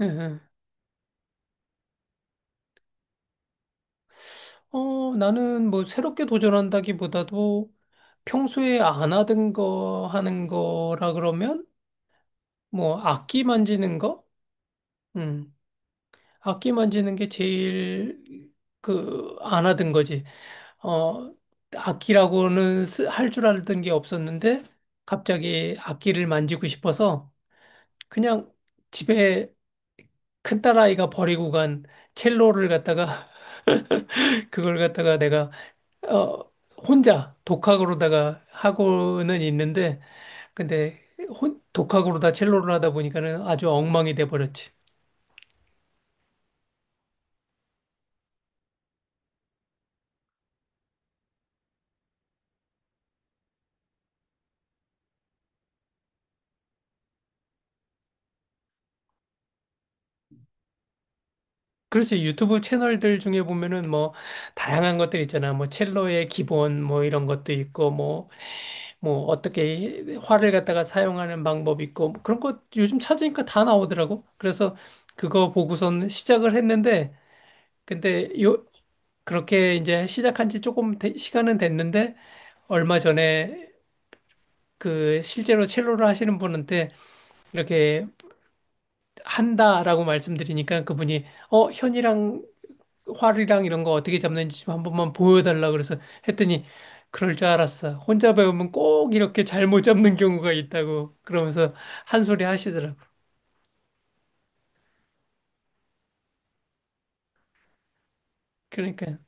예. 예. 나는 뭐 새롭게 도전한다기보다도 평소에 안 하던 거 하는 거라 그러면 뭐 악기 만지는 거? 음. 악기 만지는 게 제일 그 안 하던 거지. 어, 악기라고는 할 줄 알던 게 없었는데 갑자기 악기를 만지고 싶어서 그냥 집에 큰딸아이가 버리고 간 첼로를 갖다가 그걸 갖다가 내가 어, 혼자 독학으로다가 하고는 있는데, 근데 독학으로다 첼로를 하다 보니까는 아주 엉망이 돼 버렸지. 그렇지. 유튜브 채널들 중에 보면은 뭐 다양한 것들 있잖아. 뭐 첼로의 기본 뭐 이런 것도 있고 뭐 뭐 어떻게 활을 갖다가 사용하는 방법 있고 뭐 그런 거 요즘 찾으니까 다 나오더라고. 그래서 그거 보고선 시작을 했는데 근데 요 그렇게 이제 시작한 지 조금 되- 시간은 됐는데 얼마 전에 그 실제로 첼로를 하시는 분한테 이렇게 한다라고 말씀드리니까 그분이 어 현이랑 활이랑 이런 거 어떻게 잡는지 좀 한 번만 보여달라 그래서 했더니 그럴 줄 알았어. 혼자 배우면 꼭 이렇게 잘못 잡는 경우가 있다고 그러면서 한 소리 하시더라고. 그러니까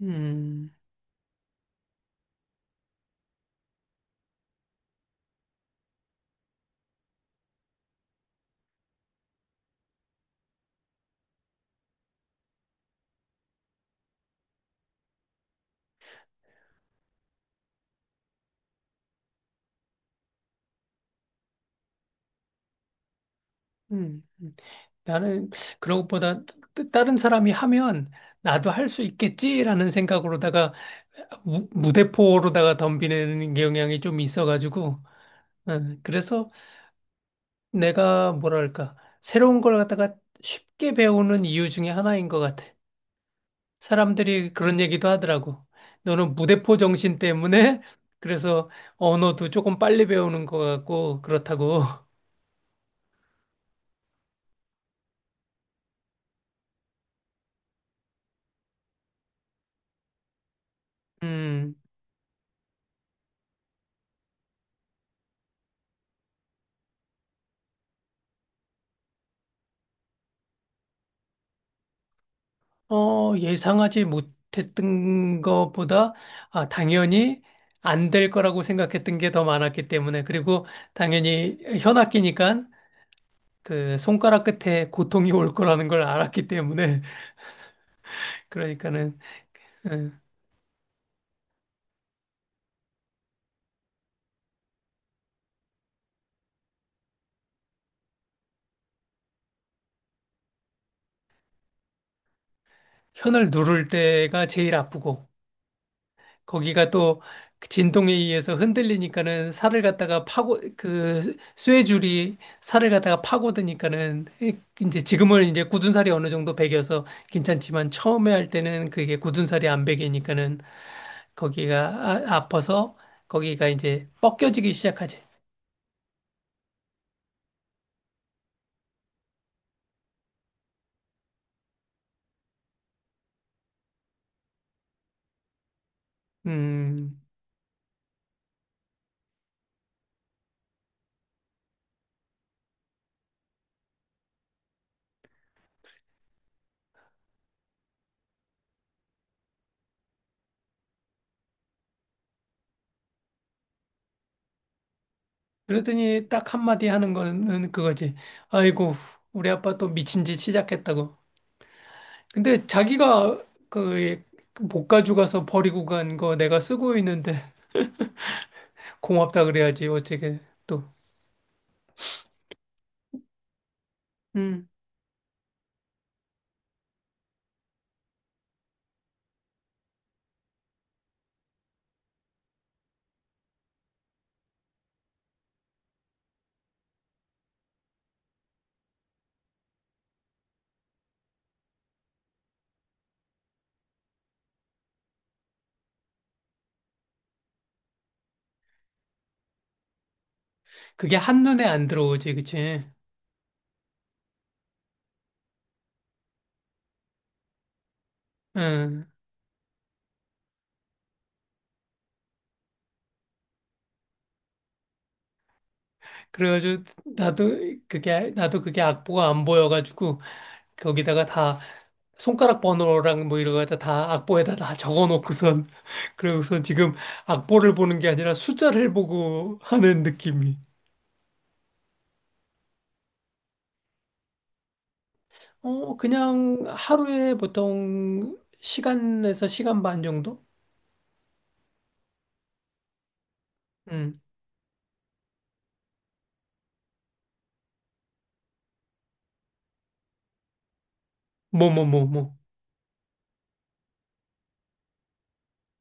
음, 음, 음. 나는 그런 것보다 다른 사람이 하면 나도 할 수 있겠지라는 생각으로다가 무대포로다가 덤비는 경향이 좀 있어가지고 예, 그래서 내가 뭐랄까, 새로운 걸 갖다가 쉽게 배우는 이유 중에 하나인 것 같아. 사람들이 그런 얘기도 하더라고. 너는 무대포 정신 때문에 그래서 언어도 조금 빨리 배우는 것 같고 그렇다고. 음, 어, 예상하지 못했던 것보다 아, 당연히 안 될 거라고 생각했던 게 더 많았기 때문에 그리고 당연히 현악기니까 그 손가락 끝에 고통이 올 거라는 걸 알았기 때문에 그러니까는 예. 현을 누를 때가 제일 아프고 거기가 또그 진동에 의해서 흔들리니까는 살을 갖다가 파고 그 쇠줄이 살을 갖다가 파고드니까는 이제 지금은 이제 굳은 살이 어느 정도 배겨서 괜찮지만 처음에 할 때는 그게 굳은 살이 안 배기니까는 거기가 아파서 거기가 이제 벗겨지기 시작하지. 음. 그러더니 딱 한마디 하는 거는 그거지. 아이고, 우리 아빠 또 미친 짓 시작했다고. 근데 자기가 그 못 가져 가서 버리고 간 거 내가 쓰고 있는데 고맙다 그래야지 어떻게 또 음. 그게 한눈에 안 들어오지 그치? 응. 그래가지고 나도 그게 악보가 안 보여가지고 거기다가 다 손가락 번호랑 뭐 이런 거다 다 악보에다 다 적어놓고선 그러고서 지금 악보를 보는 게 아니라 숫자를 보고 하는 느낌이. 그냥 하루에 보통 시간에서 시간 반 정도? 음, 뭐.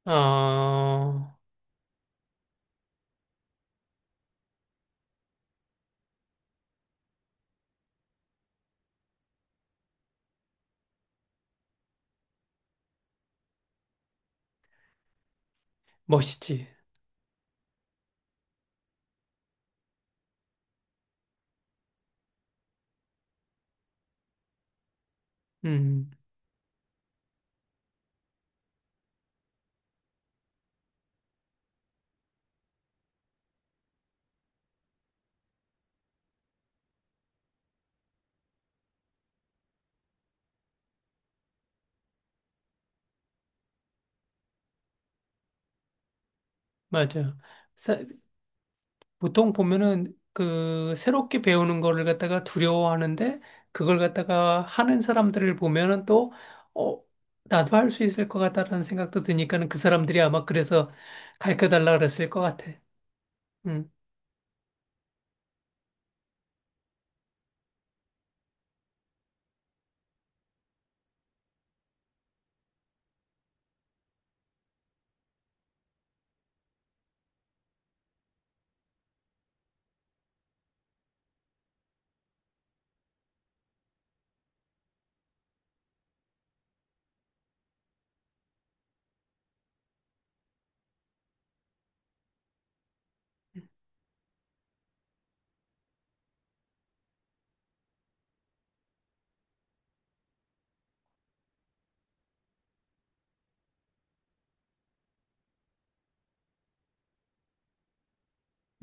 아, 멋있지. 음, 맞아. 사- 보통 보면은 그 새롭게 배우는 거를 갖다가 두려워하는데 그걸 갖다가 하는 사람들을 보면은 또, 어, 나도 할 수 있을 것 같다라는 생각도 드니까는 그 사람들이 아마 그래서 가르쳐 달라 그랬을 것 같아. 음,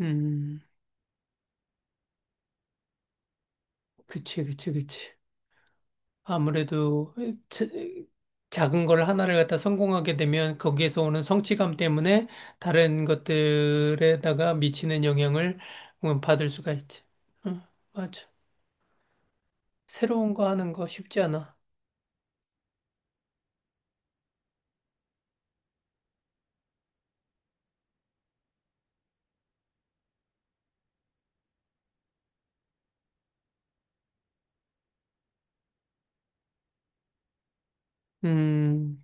음, 그치, 그치, 그치. 아무래도 자- 작은 걸 하나를 갖다 성공하게 되면 거기에서 오는 성취감 때문에 다른 것들에다가 미치는 영향을 받을 수가 있지. 응, 맞아. 새로운 거 하는 거 쉽지 않아. 음,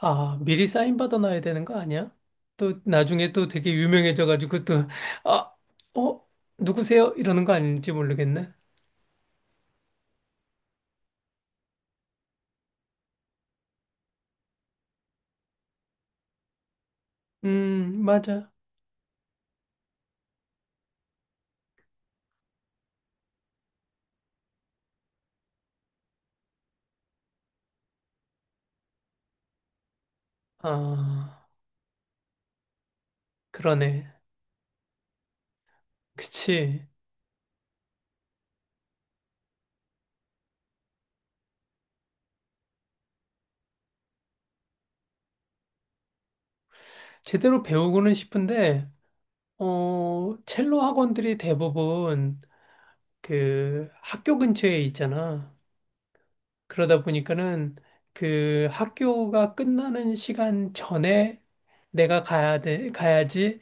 아, 미리 사인 받아놔야 되는 거 아니야? 또 나중에 또 되게 유명해져가지고 또, 아, 어, 누구세요? 이러는 거 아닌지 모르겠네. 맞아. 아, 그러네. 그치. 제대로 배우고는 싶은데, 어, 첼로 학원들이 대부분 그 학교 근처에 있잖아. 그러다 보니까는 그 학교가 끝나는 시간 전에 내가 가야 돼, 가야지.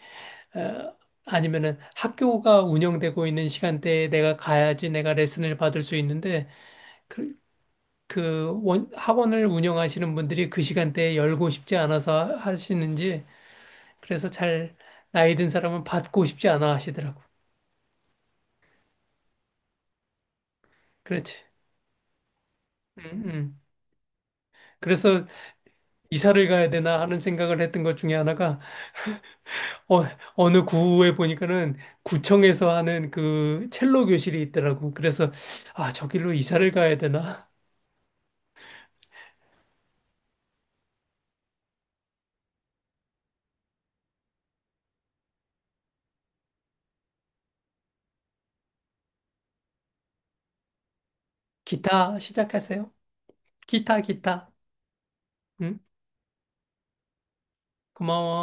어, 아니면은 학교가 운영되고 있는 시간대에 내가 가야지 내가 레슨을 받을 수 있는데 그, 학원을 운영하시는 분들이 그 시간대에 열고 싶지 않아서 하시는지 그래서 잘 나이 든 사람은 받고 싶지 않아 하시더라고. 그렇지. 음, 음. 그래서 이사를 가야 되나 하는 생각을 했던 것 중에 하나가 어, 어느 구에 보니까는 구청에서 하는 그 첼로 교실이 있더라고. 그래서 아, 저길로 이사를 가야 되나? 기타 시작하세요. 기타, 기타. 응? 고마워.